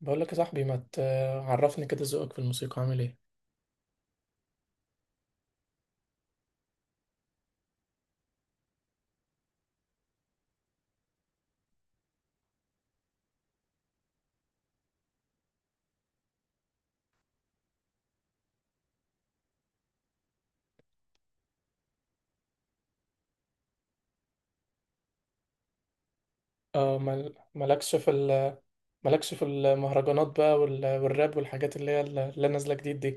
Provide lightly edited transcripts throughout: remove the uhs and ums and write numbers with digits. بقول لك يا صاحبي، ما تعرفني كده ذوقك في الموسيقى عامل ايه؟ اه، مالكش في مالكش في المهرجانات بقى والراب والحاجات اللي هي اللي نازله جديد دي؟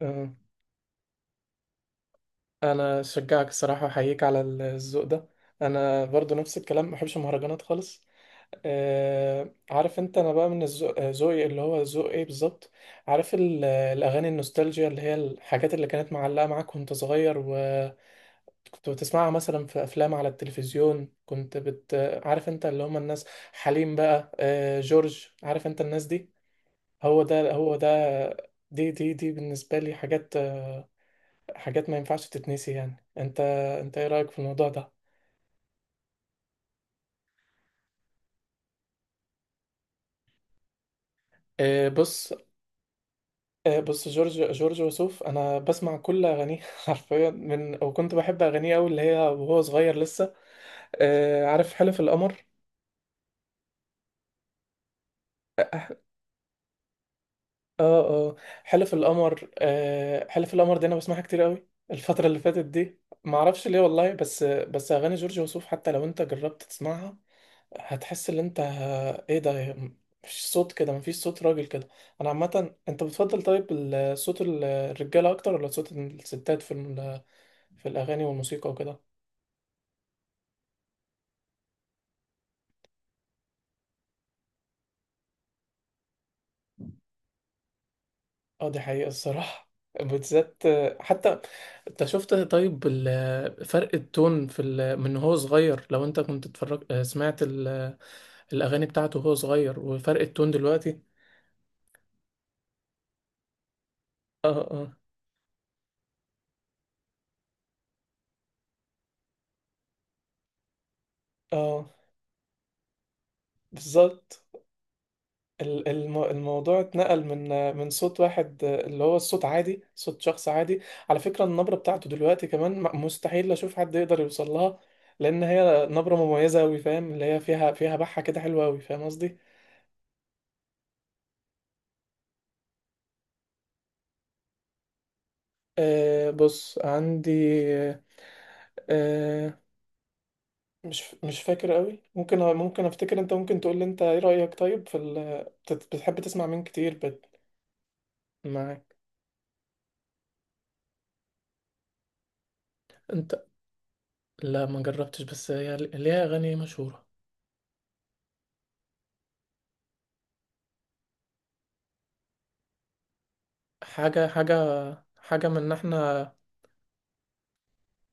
اه، انا اشجعك الصراحه، احييك على الذوق ده. انا برضو نفس الكلام، ما بحبش المهرجانات خالص. اه، عارف انت، انا بقى من ذوقي اللي هو ذوق ايه بالظبط؟ عارف الاغاني النوستالجيا اللي هي الحاجات اللي كانت معلقه معاك وانت صغير، كنت بتسمعها مثلا في افلام على التلفزيون، كنت بت، عارف انت اللي هم الناس، حليم بقى، جورج، عارف انت الناس دي. هو ده، هو ده. دي بالنسبة لي حاجات، حاجات ما ينفعش تتنسي يعني. انت، انت ايه رأيك في الموضوع ده؟ بص. بص، جورج وسوف انا بسمع كل اغانيه حرفيا، من وكنت بحب اغانيه قوي اللي هي وهو صغير لسه. عارف حلف القمر. اه، اه، حلف القمر، حلف القمر دي انا بسمعها كتير قوي الفترة اللي فاتت دي، ما اعرفش ليه والله، بس اغاني جورج وسوف حتى لو انت جربت تسمعها، هتحس ان انت، ايه ده؟ مش صوت كده، مفيش صوت راجل كده. انا عامة، انت بتفضل طيب صوت الرجالة اكتر ولا صوت الستات في في الاغاني والموسيقى وكده؟ اه، دي حقيقة الصراحة بالذات. حتى، انت شفت طيب فرق التون في من هو صغير، لو انت كنت اتفرج سمعت الاغاني بتاعته وهو صغير وفرق التون دلوقتي؟ اه، اه، اه، بالظبط. الموضوع اتنقل من، من صوت واحد اللي هو الصوت عادي، صوت شخص عادي. على فكرة النبرة بتاعته دلوقتي كمان، مستحيل اشوف حد يقدر يوصل لها، لان هي نبرة مميزة اوي، فاهم اللي هي فيها، بحة كده حلوة اوي، فاهم قصدي؟ أه، بص عندي. أه، مش فاكر قوي، ممكن، افتكر. انت ممكن تقول لي، انت ايه رأيك طيب في ال...؟ بتحب تسمع مين كتير بت... معاك. انت، لا ما جربتش، بس هي ليها اغاني مشهورة. حاجة حاجة، من ان احنا،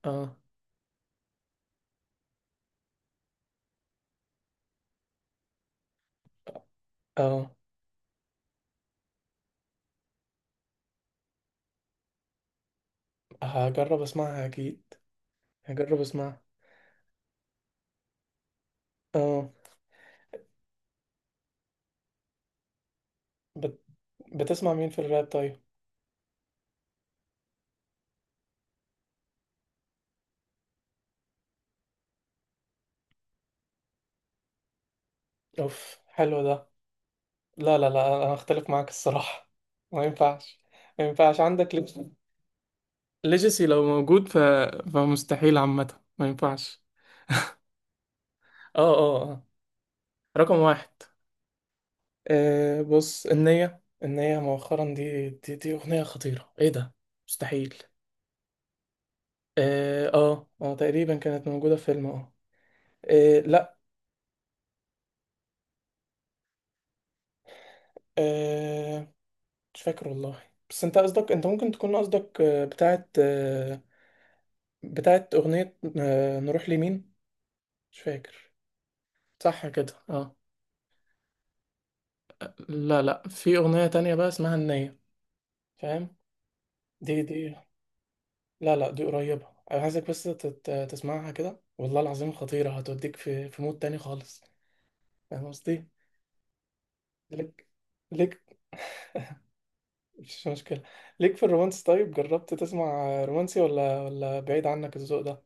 اه، اه، هجرب اسمعها اكيد، هجرب اسمعها. اه، بت... بتسمع مين في الراب طيب؟ اوف، حلو ده. لا، لا، لا، انا اختلف معاك الصراحة. ما ينفعش. ما ينفعش عندك ليه؟ ليجاسي لو موجود ف... فمستحيل عامة، ما ينفعش. اه، اه، اه، رقم واحد. بص، النية، النية مؤخرا، دي أغنية خطيرة. ايه ده؟ مستحيل. اه، اه، تقريبا كانت موجودة في فيلم، اه. لا. آه، مش فاكر والله. بس انت قصدك، انت ممكن تكون قصدك بتاعت، بتاعت أغنية، نروح لمين. مش فاكر. صح كده، اه. لا، لا، في أغنية تانية بقى اسمها النية، فاهم؟ دي، لا، لا، دي قريبة. أنا عايزك بس تسمعها كده والله العظيم، خطيرة، هتوديك في مود تاني خالص. فاهم قصدي؟ ليك، ليك مش مشكلة. ليك في الرومانس، طيب جربت تسمع رومانسي، ولا بعيد عنك الذوق ده؟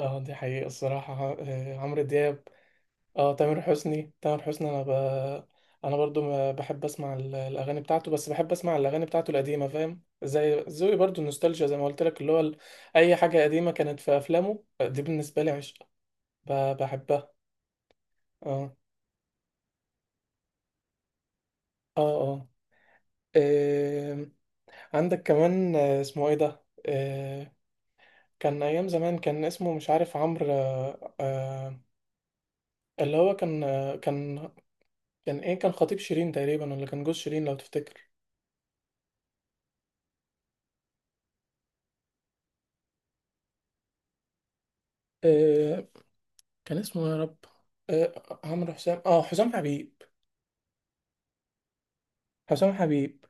اه، دي حقيقة الصراحة، عمرو دياب. اه، تامر حسني، تامر حسني، أنا ب... أنا برضو ما بحب أسمع الأغاني بتاعته، بس بحب أسمع الأغاني بتاعته القديمة. فاهم؟ زي ذوقي برضو النوستالجيا، زي ما قلت لك اللي هو ال-، أي حاجة قديمة كانت في أفلامه دي بالنسبة لي عشق، بحبها. اه، اه، اه، آم، عندك كمان، اسمه ايه ده، كان ايام زمان، كان اسمه مش عارف، عمرو، اللي هو كان، كان، كان ايه، كان خطيب شيرين تقريبا ولا كان جوز شيرين لو تفتكر؟ آه، كان اسمه إيه يا رب، عمرو حسام، حسام حبيب، حسام حبيب.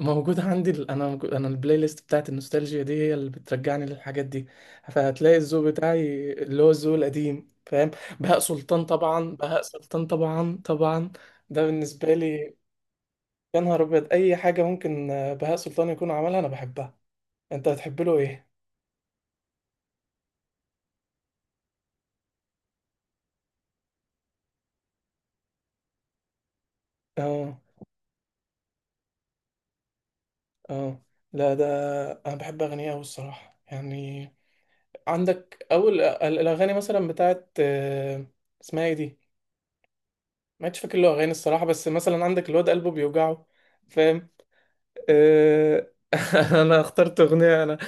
موجود عندي انا البلاي ليست بتاعت النوستالجيا دي هي اللي بترجعني للحاجات دي. فهتلاقي الذوق بتاعي اللي هو الذوق القديم، فاهم؟ بهاء سلطان طبعا، بهاء سلطان، طبعا، طبعا. ده بالنسبه لي. يا نهار ابيض، اي حاجه ممكن بهاء سلطان يكون عملها انا بحبها. انت بتحب له ايه؟ اه، اه، لا ده، انا بحب اغانيه قوي الصراحه يعني. عندك اول الاغاني مثلا بتاعت، اسمها ايه دي؟ ما عادش فاكر له اغاني الصراحه، بس مثلا عندك الواد قلبه بيوجعه، فاهم؟ آه... انا اخترت اغنيه انا.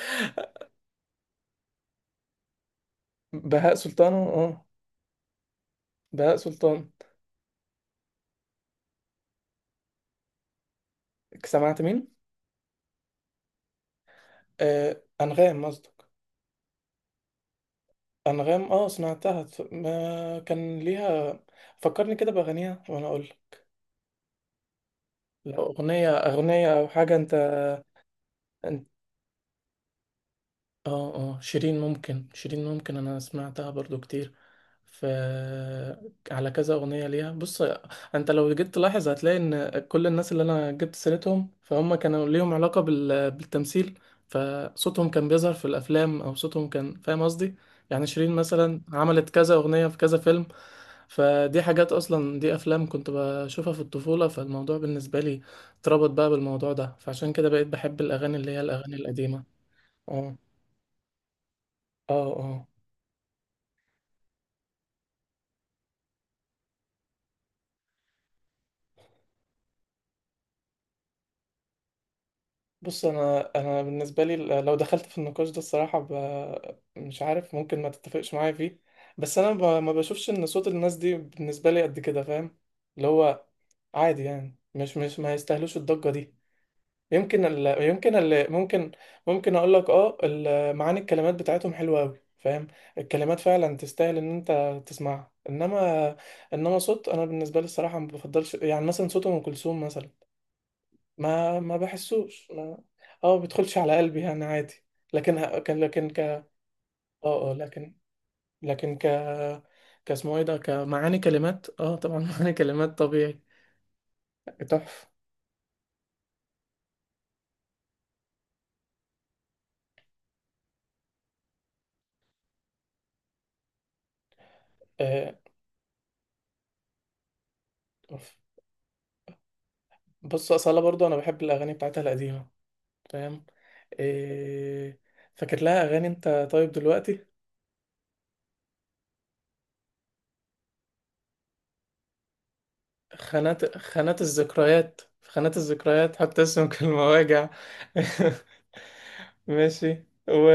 بهاء سلطان، اه. بهاء سلطان. سمعت مين؟ انغام قصدك. انغام، اه، سمعتها. ما كان ليها، فكرني كده باغانيها وانا اقول لك. لو اغنيه او حاجه. انت، اه، اه، شيرين ممكن، انا سمعتها برضو كتير. ف، على كذا اغنيه ليها، بص. انت لو جيت تلاحظ، هتلاقي ان كل الناس اللي انا جبت سيرتهم فهم كانوا ليهم علاقه بالتمثيل. فصوتهم كان بيظهر في الافلام، او صوتهم كان، فاهم قصدي؟ يعني شيرين مثلا عملت كذا اغنيه في كذا فيلم. فدي حاجات اصلا، دي افلام كنت بشوفها في الطفوله، فالموضوع بالنسبه لي اتربط بقى بالموضوع ده، فعشان كده بقيت بحب الاغاني اللي هي الاغاني القديمه. اه، اه، اه، بص، انا بالنسبه لي، لو دخلت في النقاش ده الصراحه ب... مش عارف، ممكن ما تتفقش معايا فيه، بس انا ب... ما بشوفش ان صوت الناس دي بالنسبه لي قد كده، فاهم؟ اللي هو، عادي يعني، مش ما يستاهلوش الضجه دي. يمكن ال...، ممكن، ممكن اقول لك، اه، ال...، معاني الكلمات بتاعتهم حلوه قوي، فاهم؟ الكلمات فعلا تستاهل ان انت تسمعها، انما، انما صوت، انا بالنسبه لي الصراحه ما بفضلش، يعني مثلا صوت ام كلثوم مثلا، ما بحسوش، ما، اه، ما بيدخلش على قلبي يعني، عادي. لكن ه- كان لكن ك اه اه لكن لكن، كاسمه ايه ده، كمعاني كلمات، طبعا معاني كلمات طبيعي. تحفة. آه أوف. بص، أصالة برضو أنا بحب الأغاني بتاعتها القديمة، فاهم؟ إيه...، فاكر لها أغاني أنت طيب دلوقتي؟ خانات الذكريات، خانات الذكريات، حتى اسمك المواجع. ماشي و...،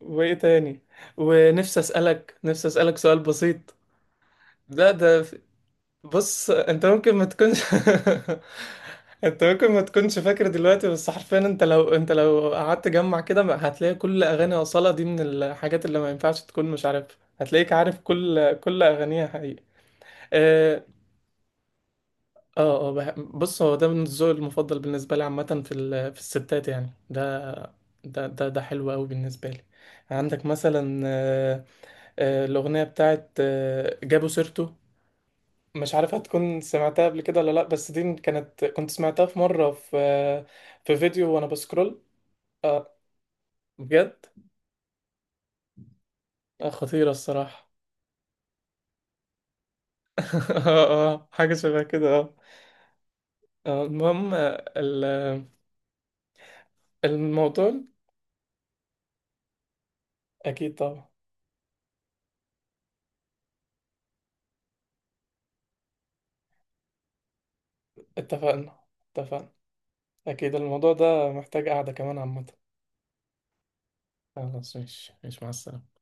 وايه تاني، ونفسي اسالك، نفسي اسالك سؤال بسيط. لا، ده في-، بص انت ممكن ما تكونش، انت ممكن ما تكونش فاكر دلوقتي، بس حرفيا انت لو، انت لو قعدت تجمع كده ما-، هتلاقي كل اغاني اصالة دي من الحاجات اللي ما ينفعش تكون مش عارفها، هتلاقيك عارف كل، اغانيها حقيقي. آه، اه، اه، بص، هو ده من الذوق المفضل بالنسبه لي عامه في في الستات يعني. ده حلو قوي بالنسبه لي. عندك مثلا، الاغنيه بتاعت، جابوا سيرته. مش عارف هتكون سمعتها قبل كده ولا لا، بس دي كانت، سمعتها في مره في، في فيديو وانا بسكرول. اه، بجد. خطيره الصراحه. اه، اه، حاجه شبه كده، اه. المهم، الموضوع. اكيد طبعا. اتفقنا. اتفقنا. أكيد الموضوع ده محتاج قعدة كمان عامة. خلاص، مش مع السلامة.